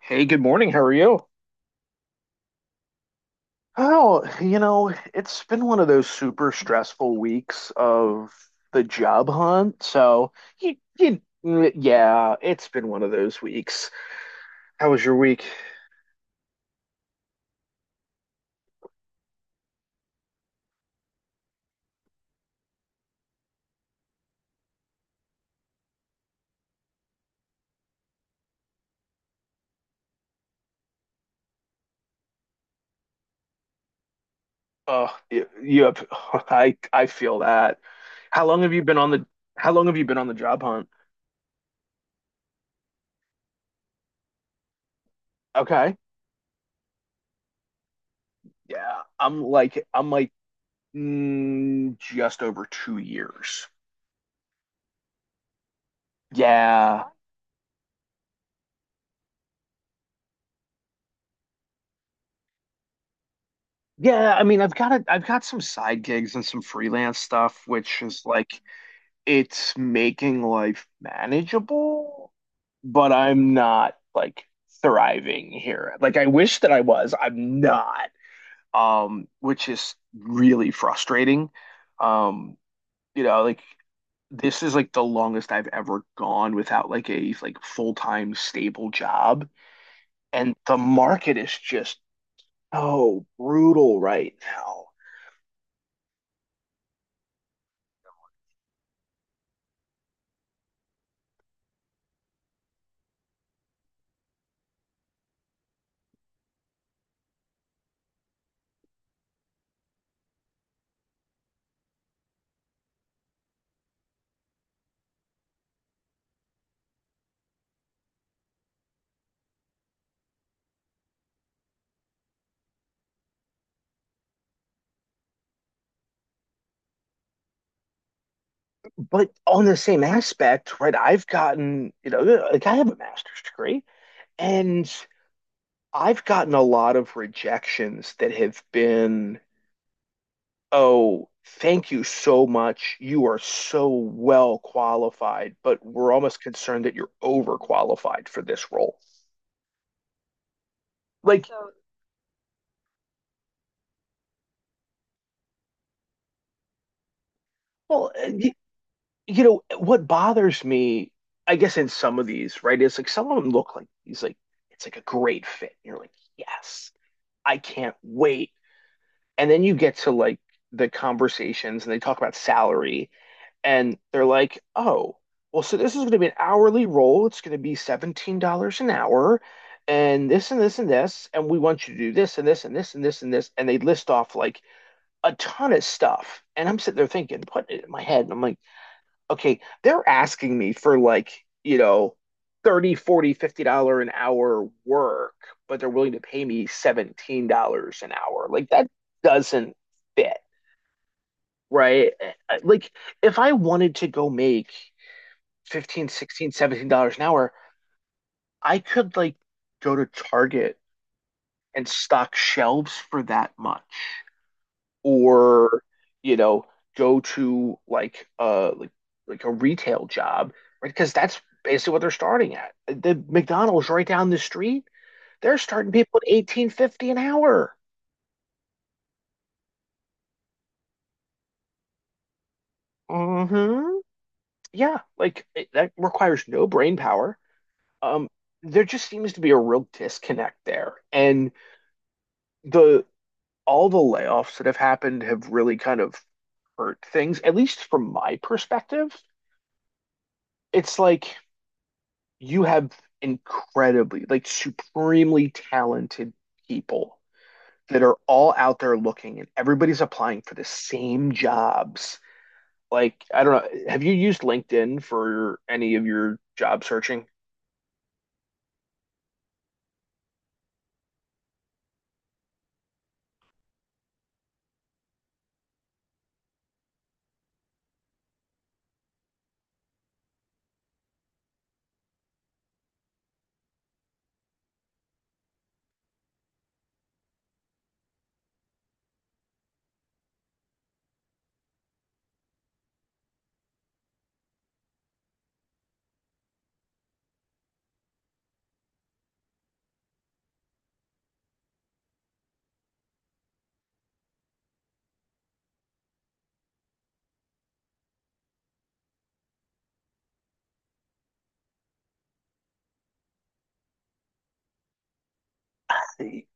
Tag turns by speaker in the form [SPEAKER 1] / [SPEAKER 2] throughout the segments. [SPEAKER 1] Hey, good morning. How are you? Oh, you know, it's been one of those super stressful weeks of the job hunt. So, yeah, it's been one of those weeks. How was your week? Oh, yep. I feel that. How long have you been on the how long have you been on the job hunt? Okay. Yeah, I'm like I'm like just over 2 years. Yeah. Yeah, I mean, I've got some side gigs and some freelance stuff, which is like it's making life manageable, but I'm not like thriving here. Like I wish that I was. I'm not. Which is really frustrating. Um, you know, like this is like the longest I've ever gone without like a like full-time stable job, and the market is just so brutal right now. But on the same aspect, right, I've gotten, you know, like I have a master's degree and I've gotten a lot of rejections that have been, oh, thank you so much. You are so well qualified, but we're almost concerned that you're overqualified for this role. Like, so, well, you know, what bothers me, I guess, in some of these, right, is like some of them look like he's like, it's like a great fit. And you're like, yes, I can't wait. And then you get to like the conversations and they talk about salary and they're like, oh, well, so this is going to be an hourly role. It's going to be $17 an hour and this and this and this. And we want you to do this and this and this and this and this. And they list off like a ton of stuff. And I'm sitting there thinking, putting it in my head. And I'm like, okay, they're asking me for like, you know, 30, 40, dollar an hour work, but they're willing to pay me $17 an hour. Like that doesn't fit, right? Like if I wanted to go make 15, 16, $17 an hour, I could like go to Target and stock shelves for that much, or you know, go to like a retail job, right? Because that's basically what they're starting at the McDonald's right down the street. They're starting people at 18.50 an hour. Hmm yeah, that requires no brain power. um there just seems to be a real disconnect there, and the all the layoffs that have happened have really kind of hurt things, at least from my perspective. It's like you have incredibly, like supremely talented people that are all out there looking and everybody's applying for the same jobs. Like, I don't know, have you used LinkedIn for any of your job searching?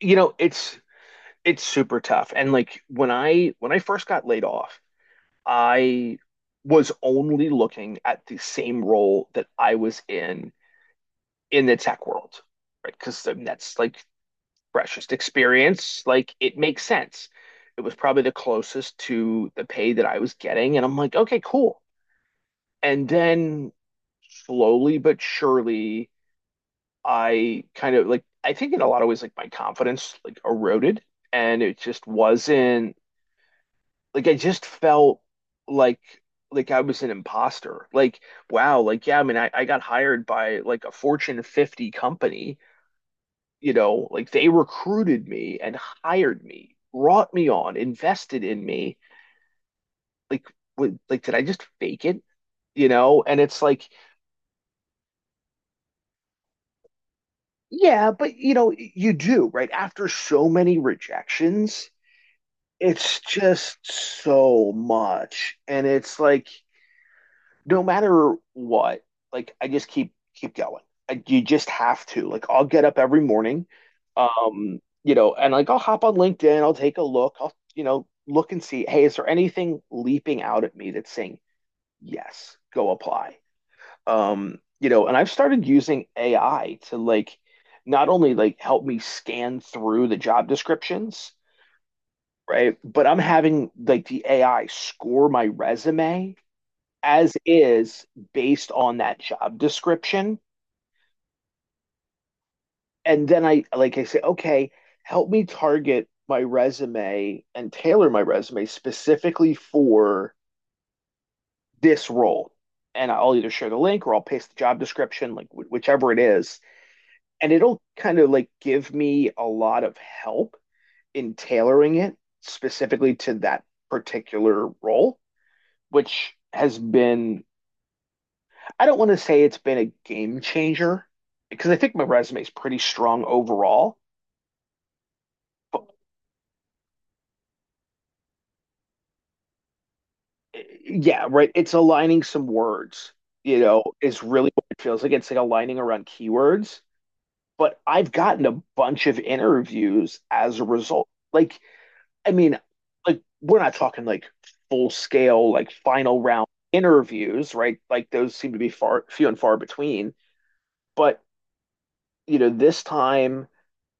[SPEAKER 1] You know, it's super tough. And like when I first got laid off, I was only looking at the same role that I was in the tech world, right? Because that's like freshest experience. Like it makes sense. It was probably the closest to the pay that I was getting. And I'm like, okay, cool. And then slowly but surely, I think in a lot of ways, like my confidence like eroded and it just wasn't like, I just felt like, like I was an imposter. Like, wow, like, yeah, I mean, I got hired by like a Fortune 50 company. You know, like they recruited me and hired me, brought me on, invested in me. Like, what, like did I just fake it? You know, and it's like, yeah, but you know, you do, right? After so many rejections, it's just so much. And it's like, no matter what, like I just keep going. Like you just have to. Like I'll get up every morning, you know, and like I'll hop on LinkedIn, I'll take a look, I'll you know look and see, hey, is there anything leaping out at me that's saying yes, go apply? You know, and I've started using AI to like not only like help me scan through the job descriptions, right? But I'm having like the AI score my resume as is based on that job description. And then I say, okay, help me target my resume and tailor my resume specifically for this role. And I'll either share the link or I'll paste the job description, like whichever it is. And it'll kind of like give me a lot of help in tailoring it specifically to that particular role, which has been, I don't want to say it's been a game changer because I think my resume is pretty strong overall. But yeah, right. It's aligning some words, you know, is really what it feels like. It's like aligning around keywords. But I've gotten a bunch of interviews as a result. Like, I mean, like we're not talking like full scale, like final round interviews, right? Like those seem to be far few and far between. But, you know, this time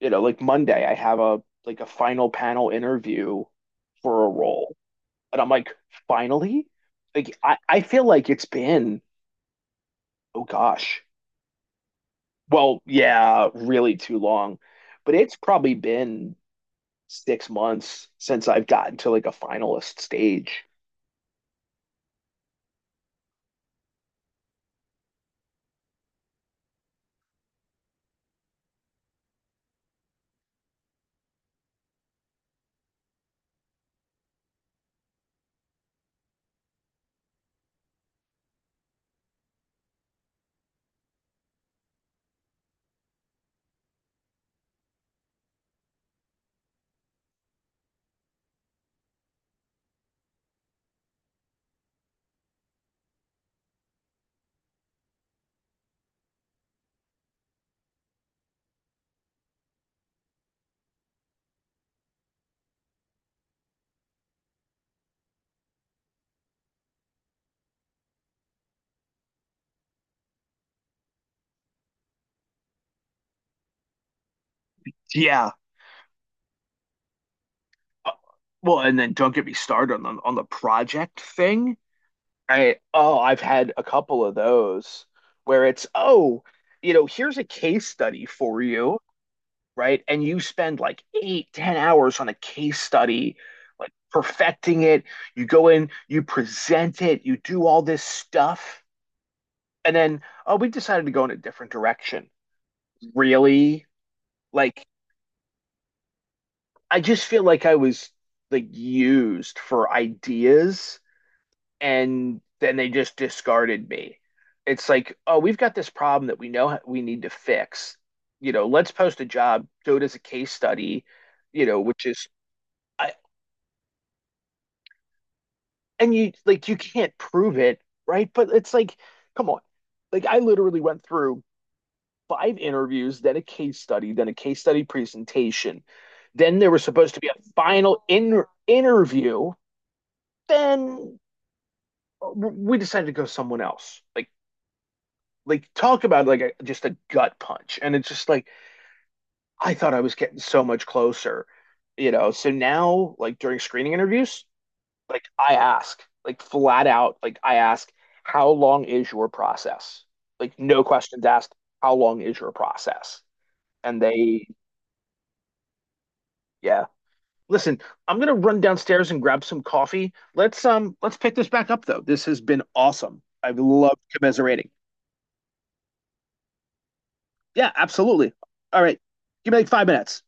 [SPEAKER 1] you know, like Monday, I have a like a final panel interview for a role. And I'm like, finally? Like I feel like it's been, oh gosh. Well, yeah, really too long. But it's probably been 6 months since I've gotten to like a finalist stage. Yeah. Uh, Well, and then don't get me started on the project thing. I've had a couple of those where it's, oh, you know, here's a case study for you, right? And you spend like eight, 10 hours on a case study, like perfecting it. You go in, you present it, you do all this stuff. And then, oh, we decided to go in a different direction. Really? Like, I just feel like I was like used for ideas and then they just discarded me. It's like, oh, we've got this problem that we know we need to fix. You know, let's post a job, do it as a case study, you know, which is, and you like you can't prove it, right? But it's like, come on. Like I literally went through five interviews, then a case study, then a case study presentation. Then there was supposed to be a final in interview. Then we decided to go someone else. Like talk about like a, just a gut punch. And it's just like I thought I was getting so much closer, you know. So now like during screening interviews, like flat out, like I ask, how long is your process? Like no questions asked, how long is your process? And they, yeah. Listen, I'm gonna run downstairs and grab some coffee. Let's pick this back up though. This has been awesome. I've loved commiserating. Yeah, absolutely. All right. Give me like 5 minutes.